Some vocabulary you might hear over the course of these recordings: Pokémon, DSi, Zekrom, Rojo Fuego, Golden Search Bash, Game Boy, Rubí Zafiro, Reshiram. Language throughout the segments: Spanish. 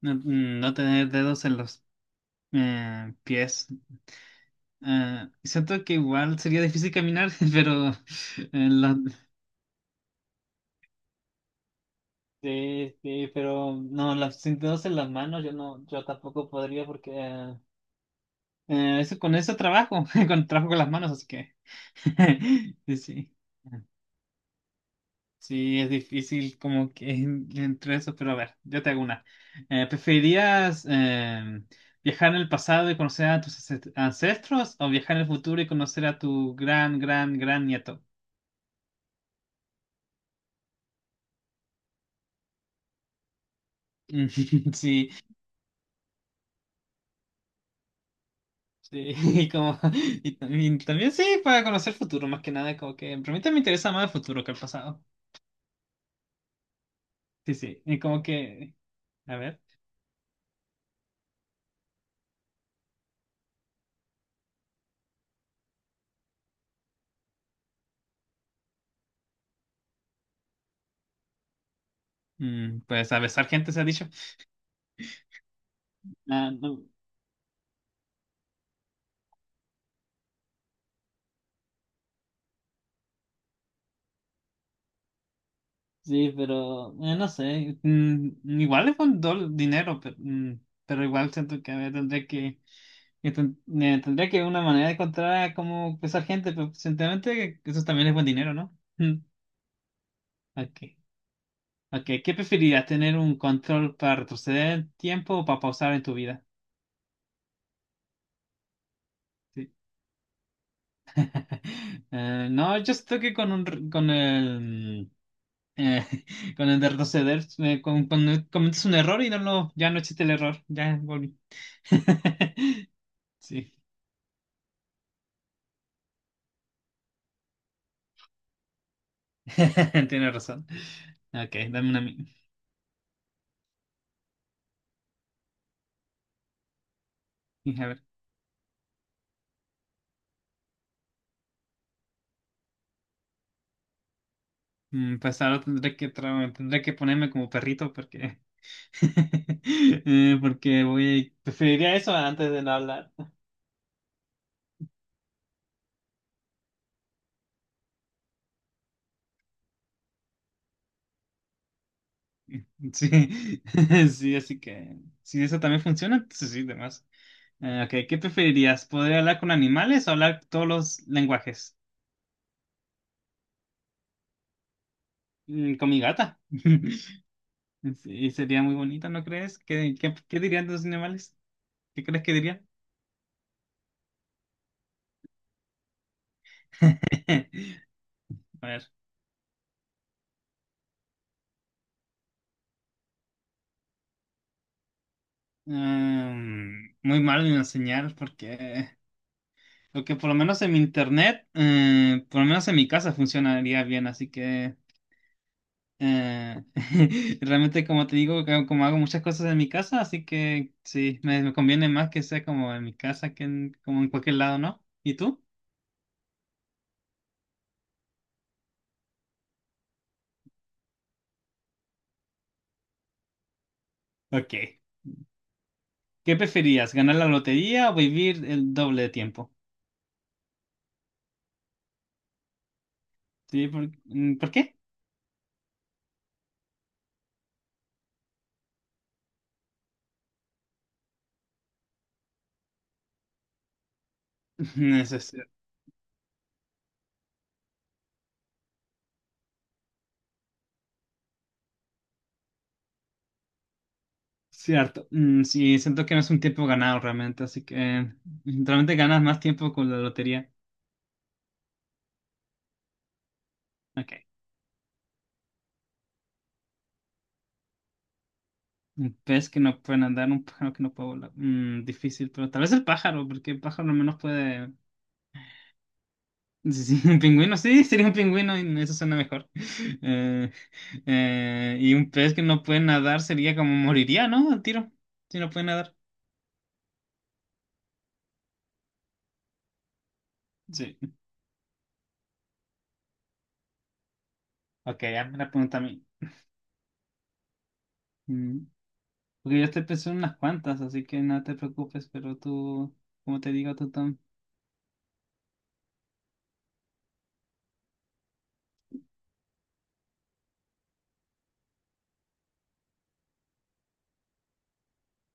No, no tener dedos en los pies. Siento que igual sería difícil caminar, pero eh, la- sí, sí, pero no, los sin dedos en las manos yo no, yo tampoco podría porque eso con eso trabajo, con trabajo con las manos, así que sí. Sí. Sí, es difícil como que entre eso, pero a ver, yo te hago una. ¿Preferirías viajar en el pasado y conocer a tus ancestros o viajar en el futuro y conocer a tu gran, gran, gran nieto? Mm, sí, sí, y como, y también, también sí, para conocer el futuro, más que nada, como que, pero a mí también me interesa más el futuro que el pasado. Sí, sí, y como que, a ver, mm, pues a besar gente se ha dicho. Ah, no. Sí, pero no sé, mm, igual es faltó dol dinero, pero, mm, pero igual siento que me tendría que una manera de encontrar cómo pesar gente, pero sinceramente eso también es buen dinero, ¿no? Mm. Ok, ok, ¿qué preferirías? ¿Tener un control para retroceder el tiempo o para pausar en tu vida? Sí. No, yo estoy que con con el eh, con el de retroceder, cuando cometes un error y no lo, ya no existe el error, ya volví. Sí, tienes razón. Ok, dame una a mí. A ver, mm, pues ahora tendré que ponerme como perrito porque. Porque voy. Preferiría eso antes de no hablar. Sí, sí, así que. Si eso también funciona, entonces sí, demás. Ok, ¿qué preferirías? ¿Poder hablar con animales o hablar todos los lenguajes? Mm, con mi gata. Sí, sería muy bonita, ¿no crees? ¿Qué, qué, qué dirían los animales? ¿Qué crees que dirían? A ver. Mm, muy mal en enseñar porque, porque por lo menos en mi internet, por lo menos en mi casa funcionaría bien, así que eh, realmente como te digo, como hago muchas cosas en mi casa, así que sí, me conviene más que sea como en mi casa como en cualquier lado, ¿no? ¿Y tú? Ok. ¿Qué preferías, ganar la lotería o vivir el doble de tiempo? Sí, ¿por qué? Eso es cierto. Mm, sí, siento que no es un tiempo ganado realmente, así que realmente ganas más tiempo con la lotería. Ok. Un pez que no puede andar, un pájaro que no puede volar. Mm, difícil, pero tal vez el pájaro, porque el pájaro al menos puede... Sí, sí, un pingüino, sí, sería un pingüino y eso suena mejor. Eh, y un pez que no puede nadar sería como moriría, ¿no? Al tiro, si no puede nadar. Sí. Ok, hazme una pregunta a mí. Mm. Porque yo estoy pensando en unas cuantas, así que no te preocupes, pero tú, como te digo, tú Tom.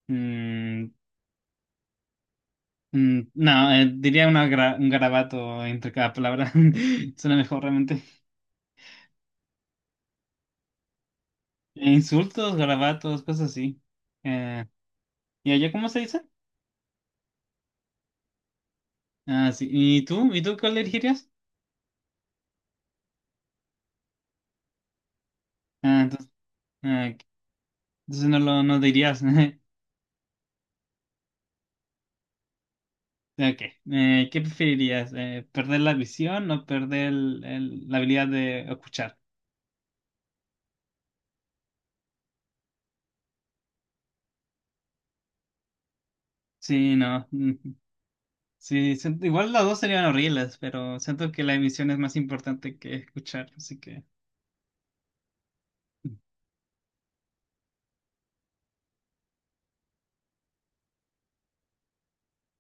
Mm, no, diría un garabato entre cada palabra. Suena mejor realmente. Insultos, garabatos, cosas así. Eh, ¿Y allá cómo se dice? Ah, sí. ¿Y tú? ¿Y tú cuál elegirías? Ah, entonces, ah, ok. Entonces no dirías. Ok. ¿Qué preferirías? ¿Perder la visión o perder la habilidad de escuchar? Sí, no. Mm, sí, igual las dos serían horribles, pero siento que la emisión es más importante que escuchar, así que.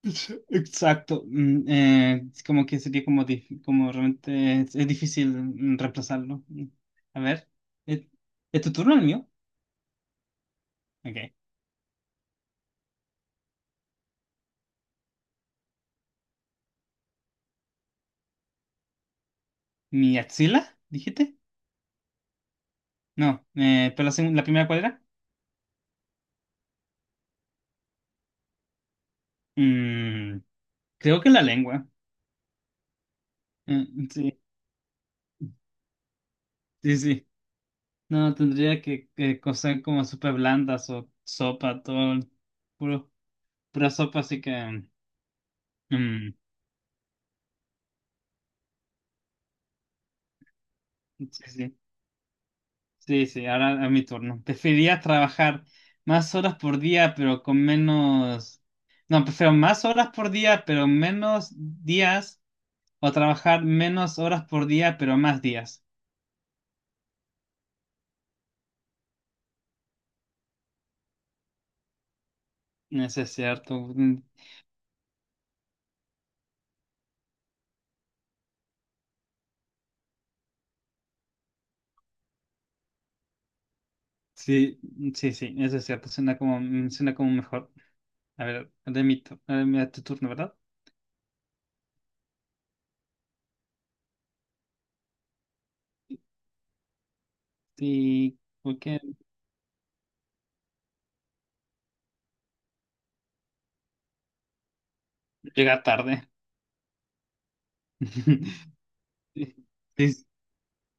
Exacto. Es como que sería como, como realmente es difícil reemplazarlo. Mm. A ver, ¿es, ¿es tu turno el mío? Ok. ¿Mi axila? ¿Dijiste? No, pero la, la primera cuadra. Mm, creo que la lengua. Eh, sí, sí. No, tendría que cocer como súper blandas o sopa, todo, puro, pura sopa, así que... mm, sí, sí, sí, ahora a mi turno. Preferiría trabajar más horas por día, pero con menos... No, prefiero más horas por día, pero menos días, o trabajar menos horas por día, pero más días. Eso es cierto. Mm, sí, sí, eso es cierto. Suena como, mm, suena como mejor. A ver, a ver, a tu turno, ¿verdad? Sí, creo que llega tarde. Sí, sí,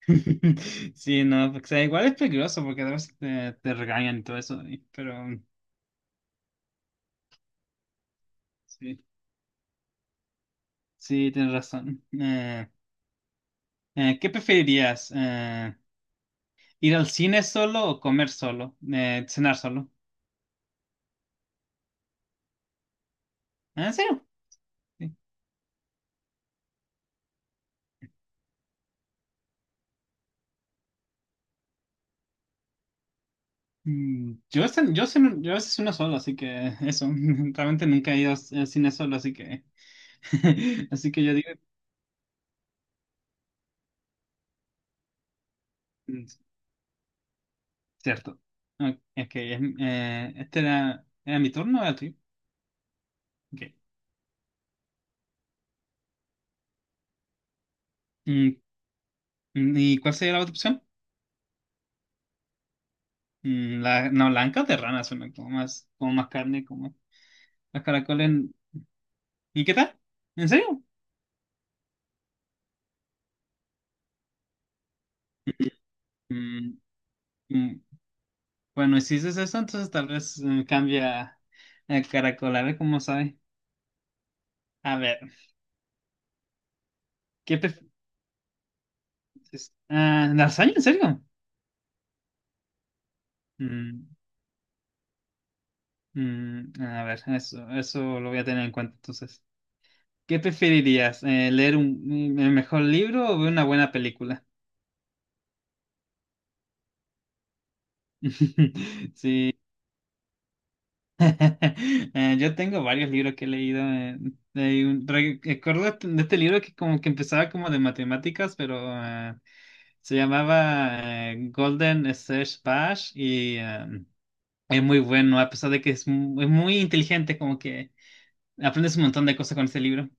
sí, no, porque, o sea, igual es peligroso porque a veces te regañan y todo eso, pero mm, sí, sí, tienes razón. ¿Qué preferirías? ¿Ir al cine solo o comer solo? ¿Cenar solo? Ah, ¿en serio? Sí. Mm, yo, yo a veces uno solo, así que eso, realmente nunca he ido al cine solo, así que, así que yo digo, mm, cierto. Ok, ok, este era, era mi turno, era tuyo. Ok. Mm, mm, ¿y cuál sería la otra opción? Mm, la, no, la anca de rana suena como más carne, como las caracoles. ¿Y qué tal? ¿En serio? Mm, mm, Bueno, y si dices eso, entonces tal vez cambia el caracol, a ver cómo sabe. A ver, ¿qué prefieres? Ah, ¿lasaña? ¿En serio? Mm, a ver, eso lo voy a tener en cuenta entonces. ¿Qué preferirías? ¿Un mejor libro o ver una buena película? Sí. Yo tengo varios libros que he leído. Recuerdo de este libro que como que empezaba como de matemáticas, pero se llamaba Golden Search Bash y es muy bueno, a pesar de que es, es muy inteligente, como que aprendes un montón de cosas con este libro.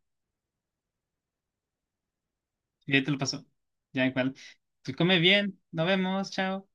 Y ahí te lo paso. Ya igual. Pues come bien, nos vemos, chao.